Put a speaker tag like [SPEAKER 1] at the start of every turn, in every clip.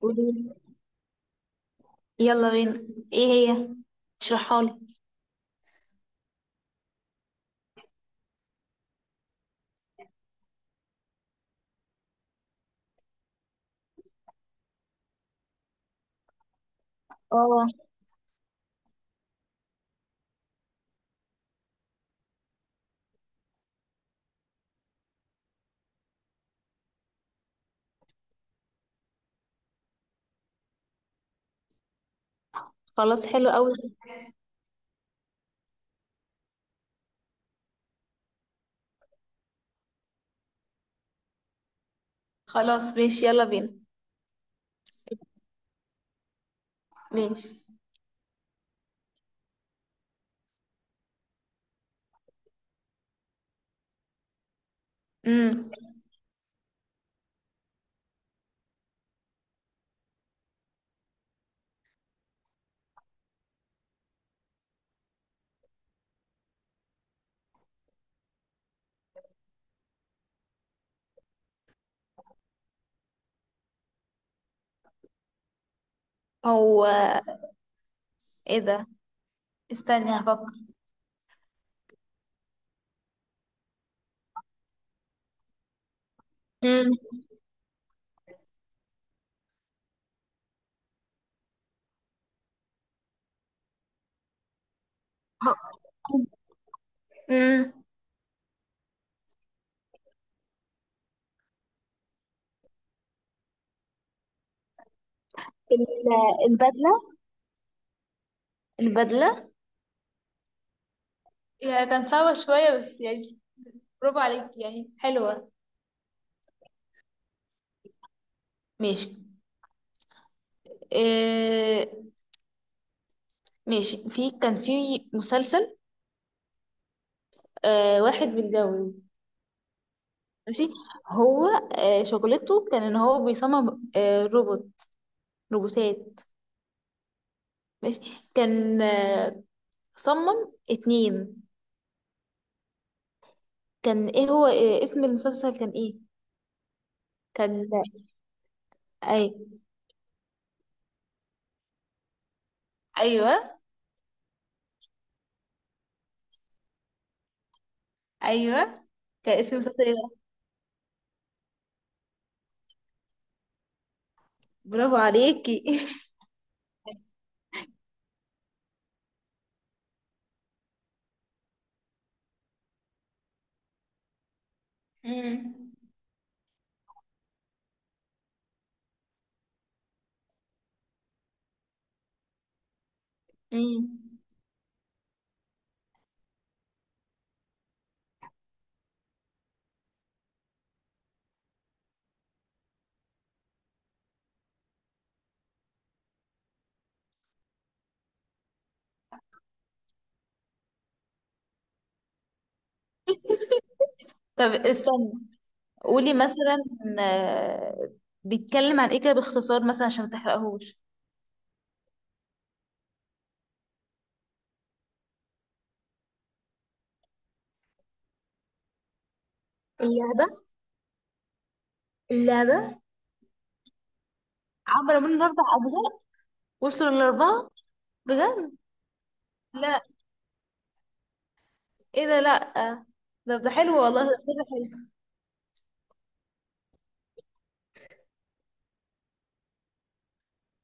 [SPEAKER 1] قولي لي. يلا بينا. ايه هي؟ اشرحها لي. اه. خلاص حلو قوي. خلاص ماشي، يلا بينا. ماشي. امم هو ايه ده؟ استني هفكر. امم امم. ال- البدلة. البدلة. هي كانت صعبة شوية بس يعني برافو عليك، يعني حلوة. ماشي. إيه؟ ماشي، كان في مسلسل، واحد متجوز. ماشي. هو شغلته كان ان هو بيصمم روبوت، روبوتات. ماشي. كان صمم اتنين. كان ايه هو، إيه اسم المسلسل، كان ايه؟ كان اي. ايوه. ايوه. كان اسم المسلسل ايه بقى؟ برافو عليكي. مم. مم. طب استني، قولي مثلا آه، بيتكلم عن ايه كده باختصار، مثلا عشان ما تحرقهوش. اللعبة. اللعبة. عملوا منه اربع اجزاء؟ وصلوا للاربعه؟ بجد؟ لا. ايه ده؟ لا. ده ده حلو والله، ده حلو.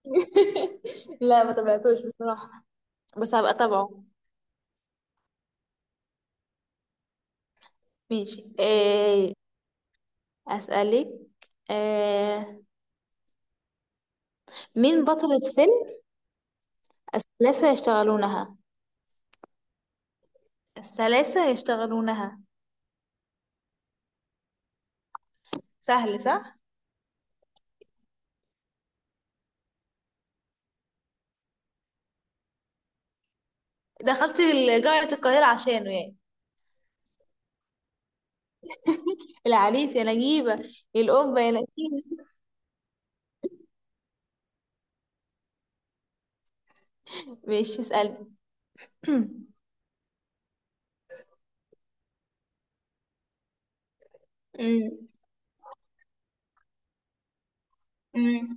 [SPEAKER 1] لا، ما تابعتوش بصراحة، بس هبقى اتابعه. ماشي. آه، اسألك. آه، مين بطلة فيلم الثلاثة يشتغلونها؟ الثلاثة يشتغلونها. سهل، صح؟ دخلت ال- جامعة القاهرة عشانه يعني؟ العريس يا نجيبة. الأم يا نسيمة. ماشي اسألني. أمم. أمم.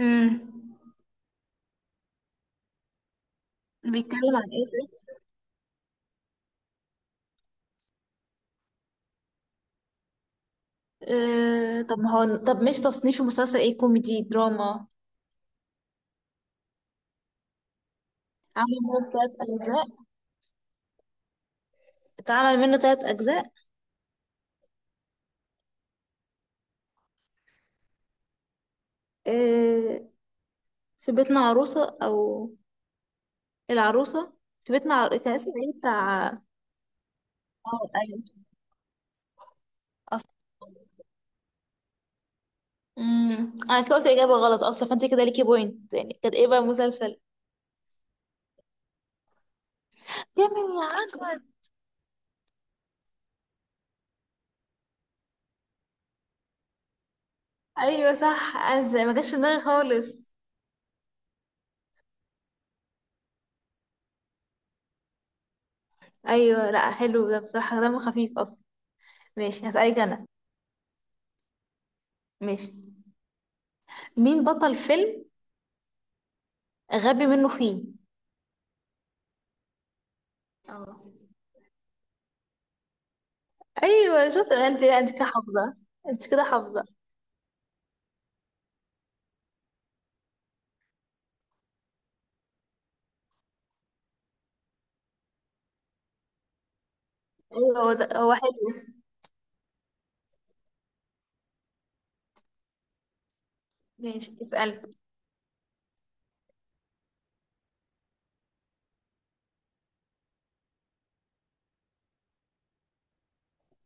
[SPEAKER 1] أمم. بيتكلم عن ايه ده؟ آه طب، ما هو طب مش تصنيف المسلسل ايه، كوميدي دراما؟ عامل ثلاث أجزاء. اتعمل منه تلات أجزاء. آه، في بيتنا عروسة؟ أو العروسة؟ في بيتنا عر-، كان اسمه ايه بتاع؟ اه ايوه. اصل. انا كده قلت اجابه غلط اصلا، فانت كده ليكي بوينت يعني. كانت ايه بقى مسلسل؟ كامل العجب. ايوه صح، انا زي- ما جاش في دماغي خالص. ايوه لا حلو، ده بصراحه دمه خفيف اصلا. ماشي، هسألك انا. ماشي. مين بطل فيلم غبي منه فيه؟ اه. ايوه شاطر انت، لا انت كده حافظه. انت كده حافظه. ايوه، هو ده هو حلو. ماشي اسأل.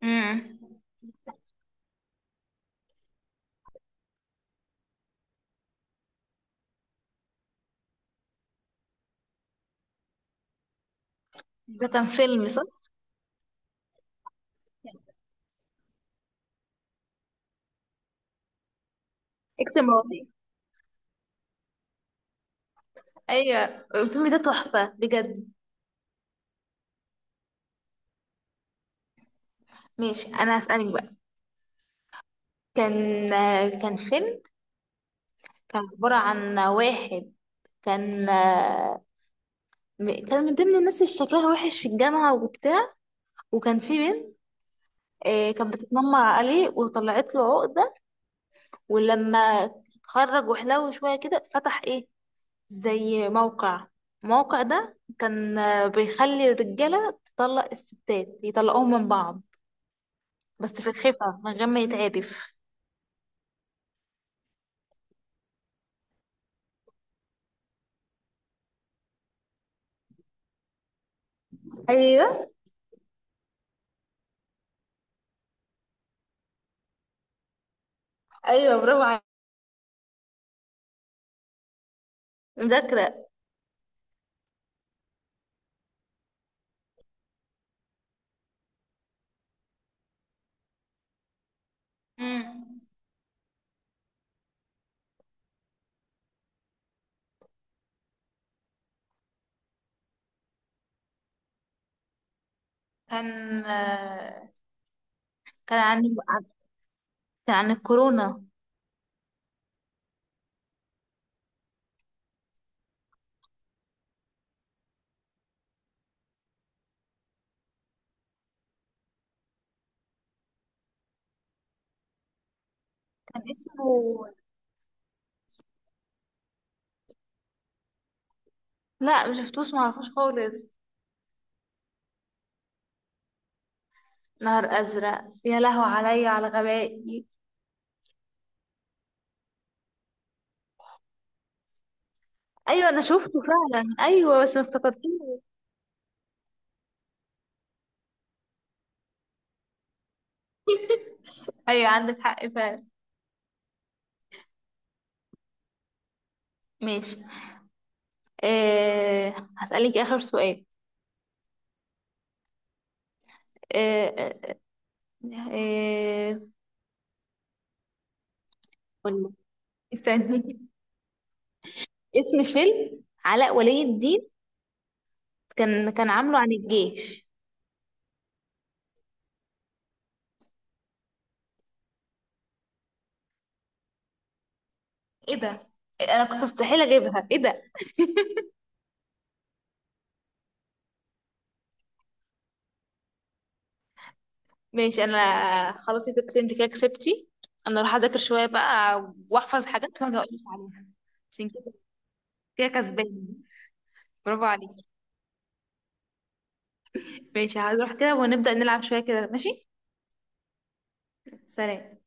[SPEAKER 1] امم ده كان فيلم صح؟ اكس مراتي. ايوه الفيلم ده تحفة بجد. ماشي انا هسألك بقى. كان كان فيلم، كان عبارة عن واحد كان، م- كان من ضمن الناس اللي شكلها وحش في الجامعة وبتاع، وكان في بنت كانت بتتنمر عليه وطلعت له عقدة. ولما اتخرج وحلو شوية كده، فتح ايه زي موقع. الموقع ده كان بيخلي الرجالة تطلق الستات، يطلقوهم من بعض، بس في الخفا من غير ما يتعرف. ايوه. ايوه برافو عليك. مذاكرة. مم. كان كان عن، كان عن الكورونا. كان اسمه، لا مشفتوش معرفوش خالص. نهر أزرق، يا لهو عليا على غبائي. أيوة أنا شفته فعلا، أيوة بس ما افتكرتوش. أيوة عندك حق فعلا. ماشي، أه هسألك آخر سؤال. أه أه. أه. قولي. استني، اسم فيلم علاء ولي الدين، كان كان عامله عن الجيش. ايه ده؟ انا كنت مستحيل اجيبها، ايه ده. ماشي انا، خلاص يا ست انت كده كسبتي. انا اروح اذاكر شويه بقى، واحفظ حاجات وانا اقول لك عليها. عشان كده، كده كسبانه. برافو عليكي. ماشي هروح كده ونبدأ نلعب شويه كده، ماشي؟ سلام.